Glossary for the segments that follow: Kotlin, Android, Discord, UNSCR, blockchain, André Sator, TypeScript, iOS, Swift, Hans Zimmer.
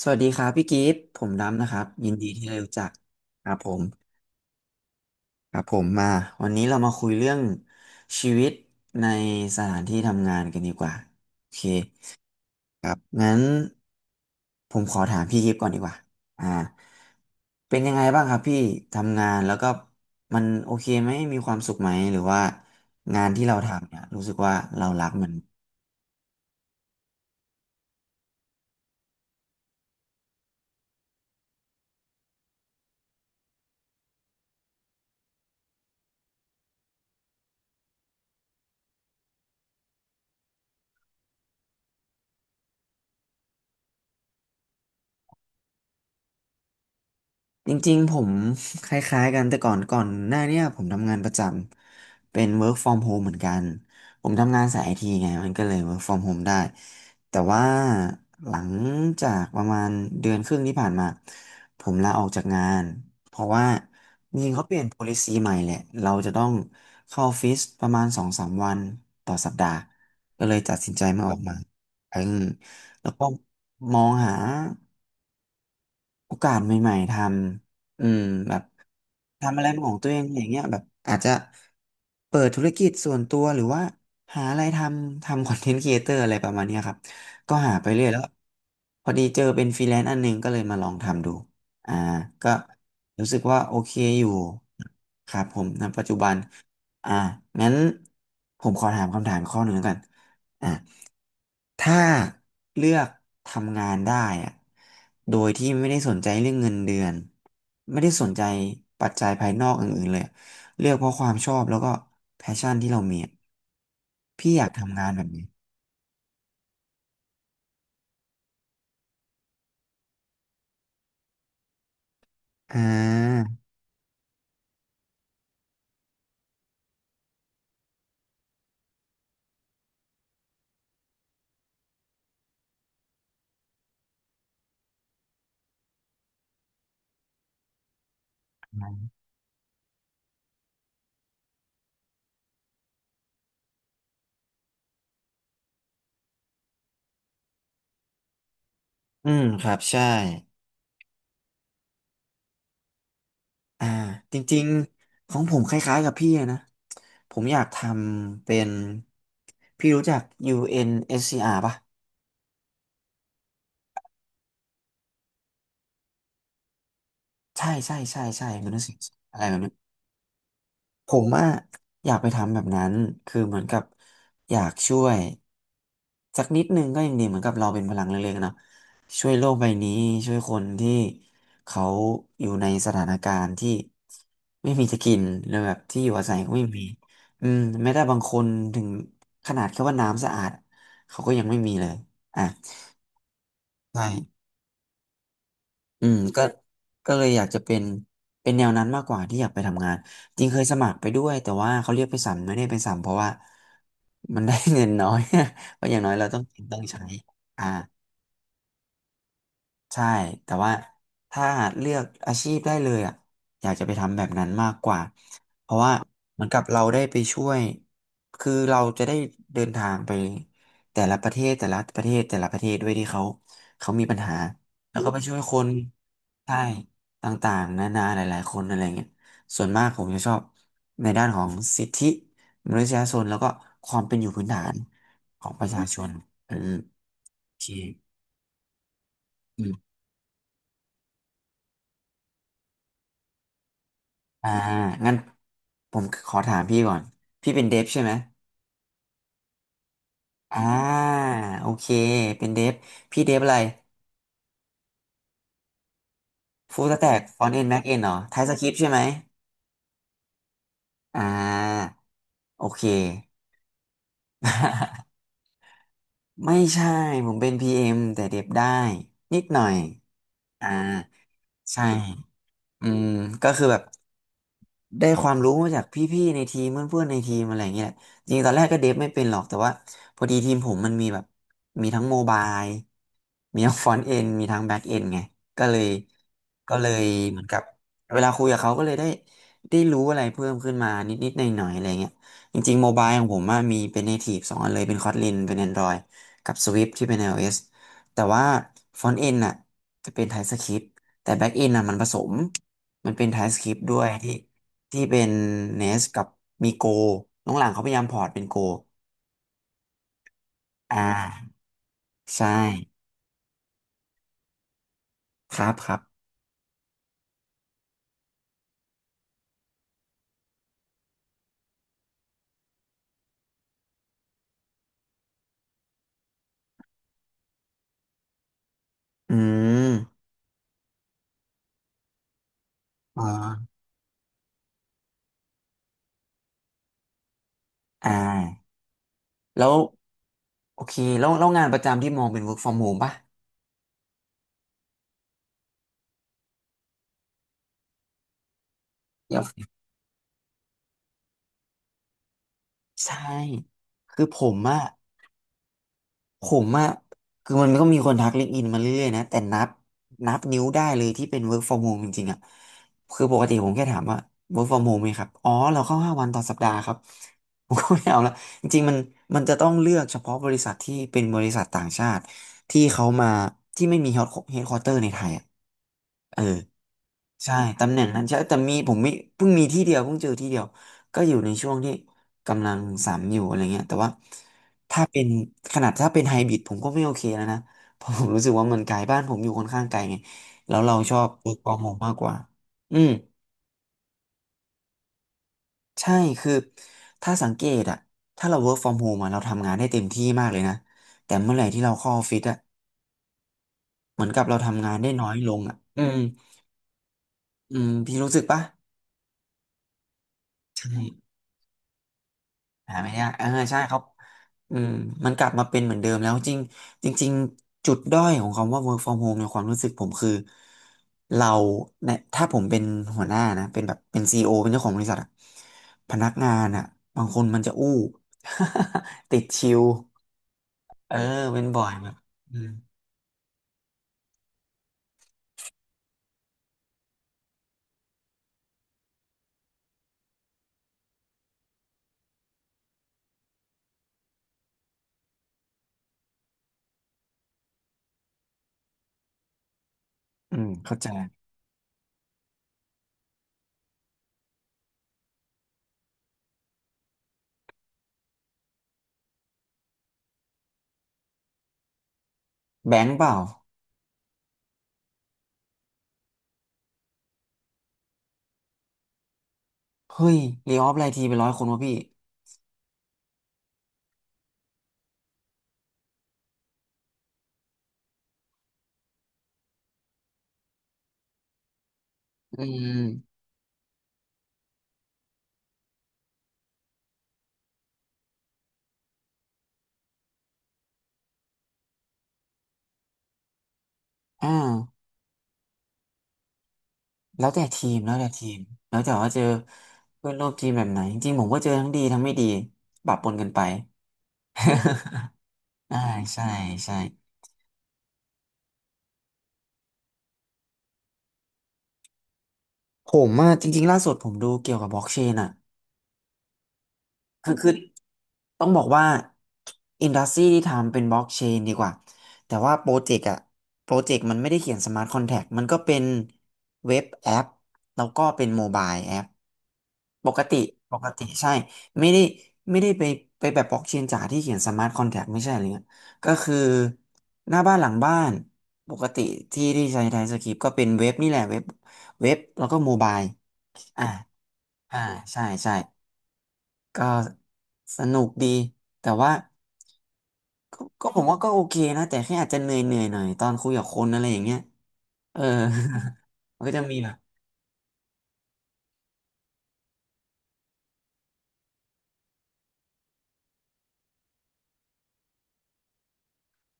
สวัสดีครับพี่กิฟต์ผมดำนะครับยินดีที่ได้รู้จักครับผมครับผมมาวันนี้เรามาคุยเรื่องชีวิตในสถานที่ทำงานกันดีกว่าโอเคครับงั้นผมขอถามพี่กิฟต์ก่อนดีกว่าอ่าเป็นยังไงบ้างครับพี่ทำงานแล้วก็มันโอเคไหมมีความสุขไหมหรือว่างานที่เราทำเนี่ยรู้สึกว่าเรารักมัน จริงๆผม คล้ายๆกันแต่ก่อนหน้าเนี่ยผมทำงานประจำเป็น work from home เหมือนกันผมทำงานสายไอทีไงมันก็เลย work from home ได้แต่ว่าหลังจากประมาณเดือนครึ่งที่ผ่านมาผมลาออกจากงานเพราะว่าจริงๆเขาเปลี่ยน policy ใหม่แหละเราจะต้องเข้าออฟฟิศประมาณสองสามวันต่อสัปดาห์ก็เลยตัดสินใจมาออกมาอืมแล้วก็มองหา โอกาสใหม่ๆทำแบบทำอะไรเป็นของตัวเองอย่างเงี้ยแบบอาจจะเปิดธุรกิจส่วนตัวหรือว่าหาอะไรทำ คอนเทนต์ครีเอเตอร์อะไรประมาณเนี้ยครับก็หาไปเรื่อยแล้วพอดีเจอเป็นฟรีแลนซ์อันหนึงก็เลยมาลองทำดูอ่าก็รู้สึกว่าโอเคอยู่ครับผมณปัจจุบันอ่างั้นผมขอถามคำถามข้อหนึ่งแล้วกันอ่า ถ้าเลือกทำงานได้อะโดยที่ไม่ได้สนใจเรื่องเงินเดือน ไม่ได้สนใจปัจจัยภายนอกอื่นๆเลยอะเลือกเพราะความชอบแล้วก็แพชชั่นที่เรามีอะพี่อยากทำงานแบบนี้อ่าอืมครับ ใช่อ่าจริงๆของผมคล้ายๆกับพี่เลยนะ ผมอยากทำเป็น พี่รู้จัก UNSCR ป่ะใช่ใช่ใช่ใช่ยูเอนเอสซีอาร์อะไรแบบเนี้ย ผมอะอยากไปทำแบบนั้นคือเหมือนกับอยากช่วยสักนิดนึงก็ยังดีเหมือนกับเราเป็นพลังเล็กๆเนาะช่วยโลกใบนี้ช่วยคนที่เขาอยู่ในสถานการณ์ที่ไม่มีจะกินหรือแบบที่อยู่อาศัยก็ไม่มีแม้แต่บางคนถึงขนาดแค่ว่าน้ำสะอาดเขาก็ยังไม่มีเลยอ่ะใช่ อืมก็ก็เลยอยากจะเป็นแนวนั้นมากกว่าที่อยากไปทำงานจริงเคยสมัครไปด้วยแต่ว่าเขาเรียกไปสัมไม่ได้ไปสัมเพราะว่ามันได้ เงินน้อย เพราะอย่างน้อยเราต้องกินต้องใช้อ่า ใช่ แต่ว่าถ้าเลือกอาชีพได้เลยอ่ะอยากจะไปทำแบบนั้นมากกว่า เพราะว่าเหมือนกับเราได้ไปช่วย คือเราจะได้เดินทางไปแต่ละประเทศแต่ละประเทศแต่ละประเทศด้วยที่เขามีปัญหาแล้วก็ไปช่วยคนใช่ต่างๆนานาหลายๆคนอะไรเงี้ยส่วนมากผมจะชอบในด้านของสิทธิมนุษยชนแล้วก็ความเป็นอยู่พื้นฐานของประชาชนอืมโอเค อ่า งั้นผมขอถามพี่ก่อน พี่เป็นเดฟใช่ไหม อ่า โอเค เป็นเดฟพี่เดฟอะไร ฟูลสแต็กฟอนต์เอ็นแม็กเอ็นเหรอ ไทป์สคริปต์ใช่ไหม อ่า โอเค ไม่ใช่ ผมเป็น PM แต่เดฟได้ นิดหน่อย อ่า ใช่ อืมก็คือแบบ ได้ความรู้มาจากพี่ๆในทีมเพื่อนๆในทีมอะไรอย่างเงี้ยแหละจริงๆตอนแรกก็เดฟไม่เป็นหรอกแต่ว่าพอดีทีมผมมันมีแบบมีทั้งโมบายมีทั้งฟรอนต์เอนมีทั้งแบ็กเอนไงก็เลยก็เลยเหมือนกับเวลาคุยกับเขาก็เลยได้รู้อะไรเพิ่มขึ้นมานิดๆหน่อยๆอะไรเงี้ยจริงๆโมบายของผมอะมีเป็น Native สองอันเลยเป็น Kotlin เป็น Android กับ Swift ที่เป็น iOS แต่ว่าฟรอนต์เอนน่ะจะเป็น TypeScript แต่แบ็กเอนน่ะมันผสมมันเป็น TypeScript ด้วยที่เป็นเนสกับมีโกน้องหลังเขาพยายามพอร์ตเป็นโกอ่าใช่ครับครับอืมอ่าอ่าแล้วโอเคแล้วงานประจำที่มองเป็น work from home ป่ะเดียวใช่คือผมอะ ผมอะคือมันก็มีคนทักลิงก์อินมาเรื่อยๆนะแต่นับนิ้วได้เลยที่เป็น work from home จริงๆอะคือปกติผมแค่ถามว่า work from home ไหมครับอ๋อเราเข้า5 วันต่อสัปดาห์ครับ ผมก็ไม่เอาละจริงๆมันจะต้องเลือกเฉพาะบริษัทที่เป็นบริษัทต่างชาติที่เขามาที่ไม่มี headquarter ในไทยอะเออ ใช่ตำแหน่งนั้นใช่แต่ผมมีเพิ่งเจอที่เดียวก็อยู่ในช่วงที่กำลังสามอยู่อะไรเงี้ยแต่ว่าถ้าเป็นขนาดถ้าเป็นไฮบริดผมก็ไม่โอเคแล้วนะ เพราะผมรู้สึกว่ามันไกลบ้านผมอยู่ค่อนข้างไกลไงแล้วเราชอบ work from home มากกว่าอืมใช่คือถ้าสังเกตอะถ้าเรา work from home อะเราทำงานได้เต็มที่มากเลยนะแต่เมื่อไหร่ที่เราเข้าออฟฟิศอะเหมือนกับเราทำงานได้น้อยลงอะอืมอืมพี่รู้สึกปะใช่ หาไม่ยากเออใช่ครับอืมมันกลับมาเป็นเหมือนเดิมแล้วจริงจริงๆจุดด้อยของคำว่า work from home ในความรู้สึกผมคือเราเนี่ยถ้าผมเป็นหัวหน้านะเป็นซีอีโอเป็นเจ้าของบริษัทอะพนักงานอะบางคนมันจะอู้ ติดชิวเออเป็นบ่อยแบบอืมอืมเข้าใจแบงค์เปล่าเฮ้ยรีออฟไลน์ทีไปนร้อยคนวะพี่อืมอ่า แล้วแต่ทีมแล้วแต่ทีมแล้วแต่ว่าเจอเพื่อนร่วมทีมแบบไหนจริงๆผมก็เจอทั้งดีทั้งไม่ดีปะปนกันไป อ่าใช่ใช่ผมอ่ะจริงๆล่าสุดผมดูเกี่ยวกับ blockchain อ่ะ คือต้องบอกว่าอินดัสทรีที่ทำเป็นบล็อกเชนดีกว่าแต่ว่าโปรเจกต์มันไม่ได้เขียนสมาร์ทคอนแท็กมันก็เป็นเว็บแอปแล้วก็เป็นโมบายแอปปกติปกติใช่ไม่ได้ไม่ได้ไปไปแบบบล็อกเชนจ๋าที่เขียนสมาร์ทคอนแท็กไม่ใช่อะไรเงี้ยก็คือหน้าบ้านหลังบ้านปกติที่ที่ใช้ไทยสคริปต์ก็เป็นเว็บนี่แหละเว็บแล้วก็โมบายอ่าอ่าใช่ใช่ ก็สนุกดีแต่ว่าก็ผมว่าก็โอเคนะแต่แค่อาจจะเหนื่อยหน่อยตอนคุยกับคนอะไรอย่างเงี้ยเออ มันก็จะมีแบบ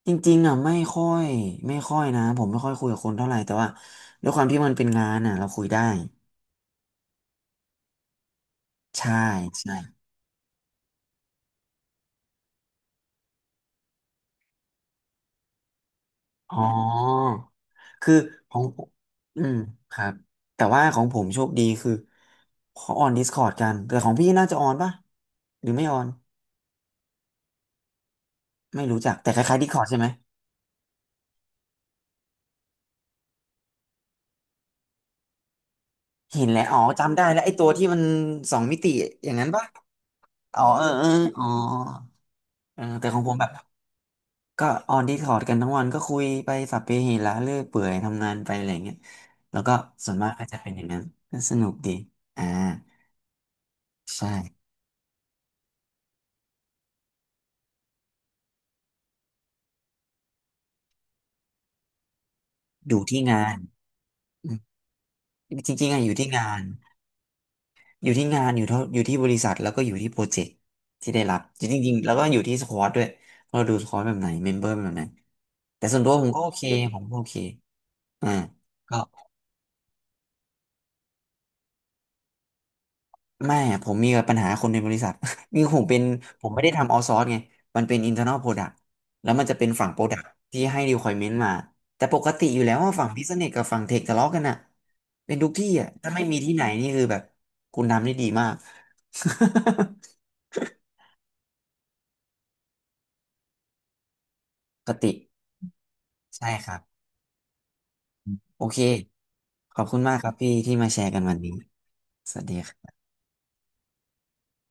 จริงๆอ่ะไม่ค่อยนะผมไม่ค่อยคุยกับคนเท่าไหร่แต่ว่าด้วยความที่มันเป็นงานอ่ะเราคุยได้ใช่ใช่อ๋อคือของผมอืมครับแต่ว่าของผมโชคดีคือเขาออน Discord กันแต่ของพี่น่าจะออนป่ะหรือไม่ออนไม่รู้จักแต่คล้ายๆ Discord ใช่ไหม หินแหละอ๋อจำได้แล้วไอ้ตัวที่มันสองมิติอย่างนั้นปะอ๋อเออเอออ๋อเออแต่ของผมแบบก็ออนดิสคอร์ดกันทั้งวันก็คุยไปสัพเพเหระเรื่อยเปื่อยทำงานไปอะไรเงี้ยแล้วก็ส่วนมากก็จะเป็นอย่างนั้นก็สนุกดีอ่าใช่อยู่ที่งานอืมจริงๆอะอยู่ที่งานอยู่ที่บริษัทแล้วก็อยู่ที่โปรเจกต์ที่ได้รับจริงๆแล้วก็อยู่ที่สควอตด้วยเราดูสควอตแบบไหนเมมเบอร์แบบไหนแต่ส่วนตัวผมก็โอเคผมก็โอเคอ่า ไม่อะผมมีปัญหาคนในบริษัท มีผมเป็นผมไม่ได้ทำเอาซอ ไงมันเป็น internal product แล้วมันจะเป็นฝั่ง product ที่ให้ requirement มาแต่ปกติอยู่แล้วว่าฝั่ง business กับฝั่ง tech ทะเลาะกันอะเป็นทุกที่อะถ้าไม่มีที่ไหนนี่คือแบบคุณทำได้ดีมาก ปกติใช่ครับโอเคขอบคุณมากครับพี่ที่มาแชร์กันวันนี้สวัสดีครับ